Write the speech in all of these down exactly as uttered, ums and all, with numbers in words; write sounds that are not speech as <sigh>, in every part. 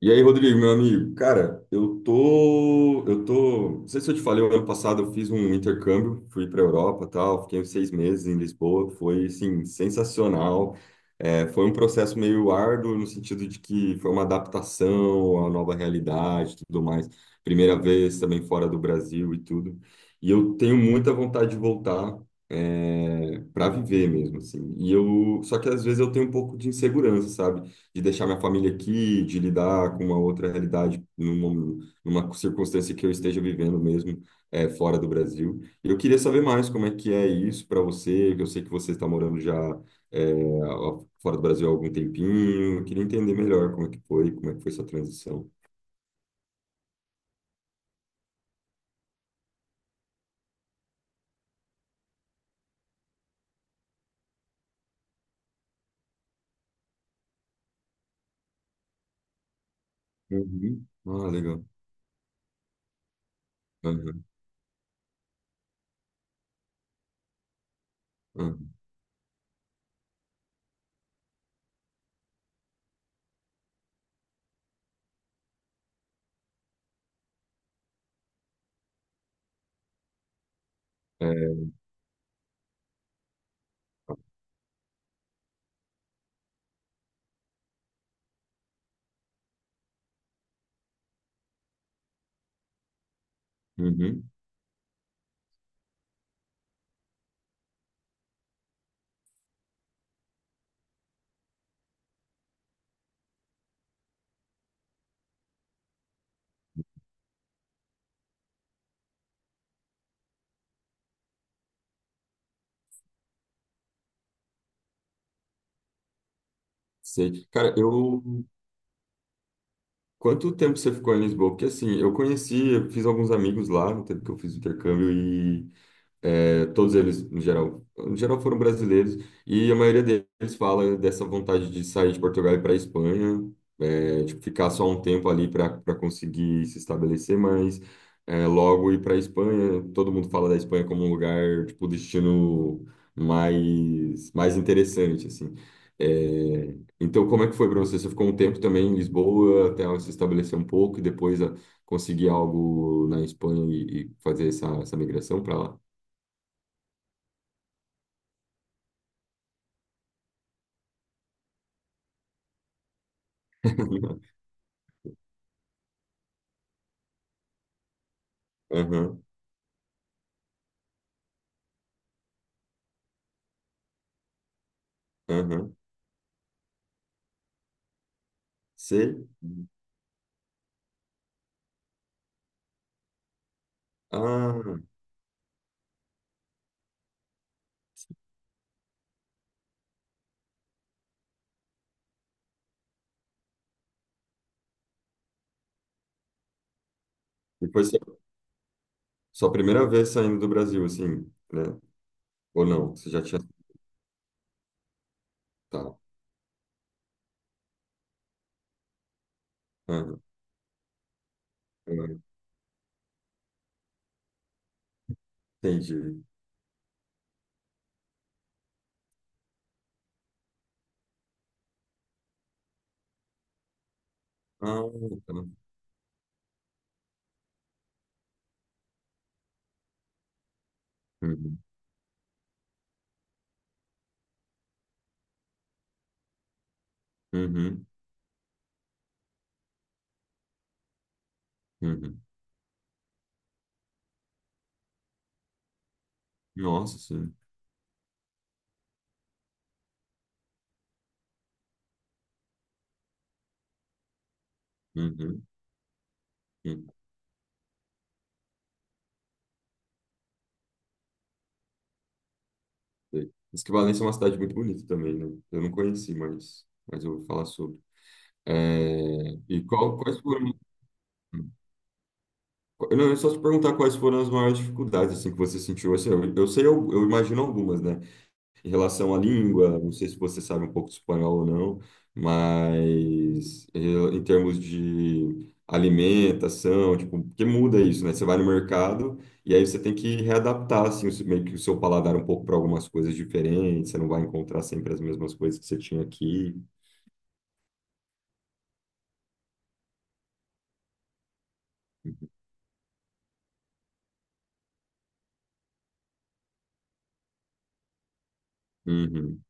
E aí, Rodrigo, meu amigo, cara, eu tô, eu tô, não sei se eu te falei, o ano passado eu fiz um intercâmbio, fui para Europa, tal, fiquei uns seis meses em Lisboa, foi, assim, sensacional. É, foi um processo meio árduo no sentido de que foi uma adaptação à nova realidade, e tudo mais. Primeira vez também fora do Brasil e tudo. E eu tenho muita vontade de voltar. É, para viver mesmo assim. E eu, só que às vezes eu tenho um pouco de insegurança, sabe? De deixar minha família aqui, de lidar com uma outra realidade numa, numa circunstância que eu esteja vivendo mesmo, é, fora do Brasil. E eu queria saber mais como é que é isso para você, que eu sei que você está morando já, é, fora do Brasil há algum tempinho. Eu queria entender melhor como é que foi, como é que foi essa transição. Uhum. Ah, legal. Uhum. Uhum. É, uhum, sei. Cara, eu. Quanto tempo você ficou em Lisboa? Porque assim, eu conheci, eu fiz alguns amigos lá no tempo que eu fiz o intercâmbio e, É, todos eles, em geral, em geral foram brasileiros, e a maioria deles fala dessa vontade de sair de Portugal e para a Espanha, é, tipo, ficar só um tempo ali para para conseguir se estabelecer, mas, é, logo ir para a Espanha. Todo mundo fala da Espanha como um lugar, tipo, o destino mais, mais interessante, assim. É, então, como é que foi para você? Você ficou um tempo também em Lisboa, até se estabelecer um pouco, e depois ah, conseguir algo na Espanha e, e fazer essa, essa migração para lá? <laughs> Aham, aham. Sei. Ah, e foi sua, sua primeira vez saindo do Brasil, assim, né? Ou não? Você já tinha. Tá. Aham, aham. Entendi. Ah, tá. Uhum, uhum, uhum. Nossa, sim. Uhum, uhum. Sei. Diz que Valência é uma cidade muito bonita também, né? Eu não conheci, mas, mas eu vou falar sobre. É, e qual, quais foram. Eu não, eu só te perguntar quais foram as maiores dificuldades assim, que você sentiu. Assim, eu, eu sei, eu, eu imagino algumas, né? Em relação à língua, não sei se você sabe um pouco de espanhol ou não, mas eh, em termos de alimentação, tipo, porque muda isso, né? Você vai no mercado e aí você tem que readaptar, assim, o seu- meio que o seu paladar um pouco para algumas coisas diferentes, você não vai encontrar sempre as mesmas coisas que você tinha aqui. Uhum,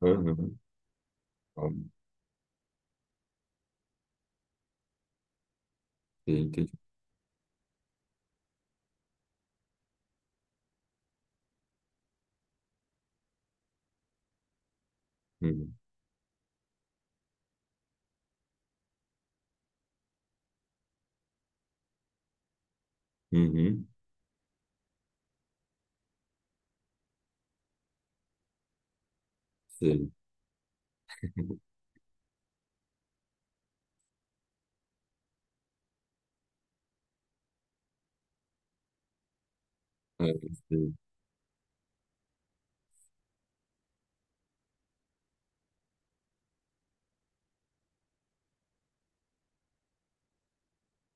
uhum, óbvio. Sim, entendi. Uhum, uhum, sei. <laughs> É, sei.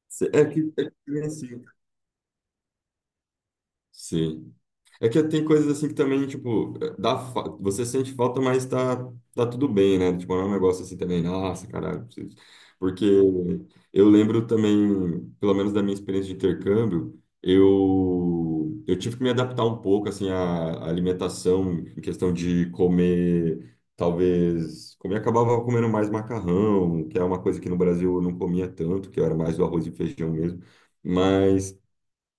Sei. É que, é que, nem assim, sim. É que tem coisas assim que também, tipo, dá, fa- você sente falta, mas tá, tá tudo bem, né? Tipo, não é um negócio assim também, nossa, caralho, preciso. Porque eu lembro também, pelo menos da minha experiência de intercâmbio, eu, eu tive que me adaptar um pouco, assim, à, à alimentação, em questão de comer, talvez, comer, acabava comendo mais macarrão, que é uma coisa que no Brasil eu não comia tanto, que eu era mais do arroz e feijão mesmo. Mas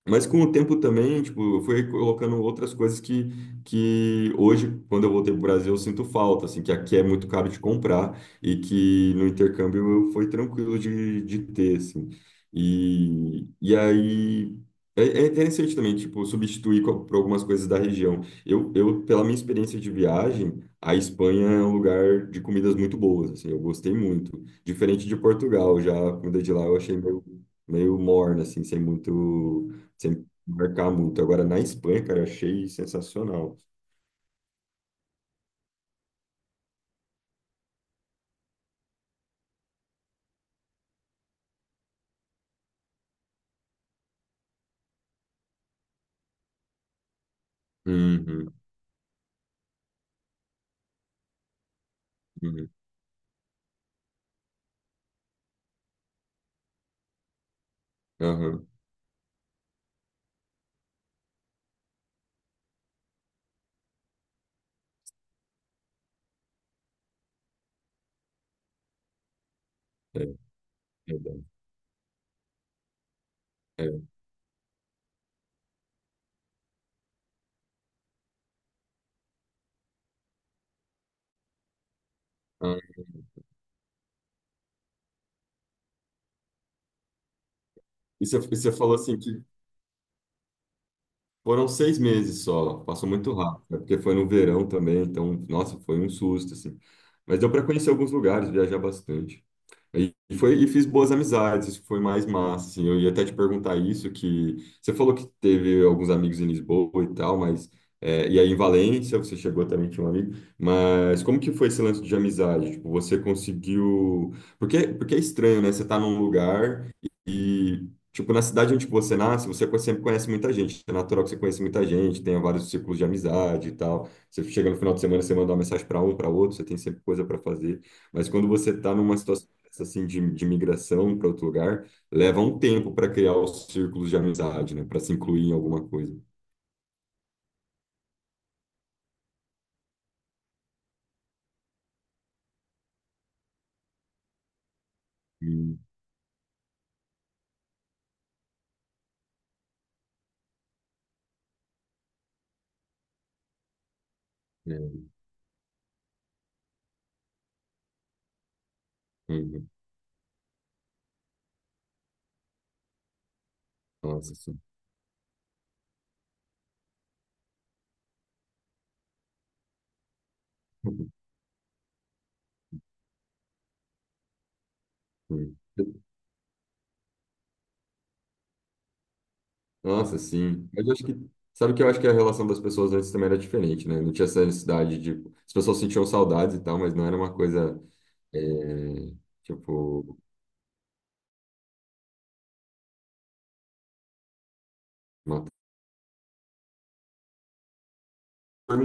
mas com o tempo também, tipo, eu fui colocando outras coisas que, que hoje, quando eu voltei para o Brasil, eu sinto falta, assim, que aqui é muito caro de comprar e que no intercâmbio eu- foi tranquilo de, de ter, assim. E, e aí, é, é interessante também, tipo, substituir co- por algumas coisas da região. Eu, eu, pela minha experiência de viagem, a Espanha é um lugar de comidas muito boas, assim, eu gostei muito. Diferente de Portugal, já a comida de lá eu achei meio, meio morna, assim, sem muito sempre marcar muito. Agora, na Espanha, cara, eu achei sensacional. Uhum, uhum, aham, é, verdade, é. Ah, e você, e você falou assim que foram seis meses só, passou muito rápido, né? Porque foi no verão também, então, nossa, foi um susto, assim. Mas deu para conhecer alguns lugares, viajar bastante. E e foi, e fiz boas amizades, isso que foi mais massa, assim. Eu ia até te perguntar isso, que você falou que teve alguns amigos em Lisboa e tal, mas... é, e aí em Valência, você chegou também, tinha um amigo, mas como que foi esse lance de amizade? Tipo, você conseguiu... Porque, porque é estranho, né? Você tá num lugar e, tipo, na cidade onde você nasce, você co- sempre conhece muita gente. É natural que você conheça muita gente, tenha vários círculos de amizade e tal. Você chega no final de semana, você manda uma mensagem para um, para outro, você tem sempre coisa para fazer. Mas quando você está numa situação assim de, de migração para outro lugar leva um tempo para criar os círculos de amizade, né? Para se incluir em alguma coisa. Hum, é, uhum. Nossa, sim. <laughs> Hum. Nossa, sim. Mas eu acho que sabe que eu acho que a relação das pessoas antes também era diferente, né? Não tinha essa necessidade de as pessoas sentiam saudades e tal, mas não era uma coisa, é, tipo uma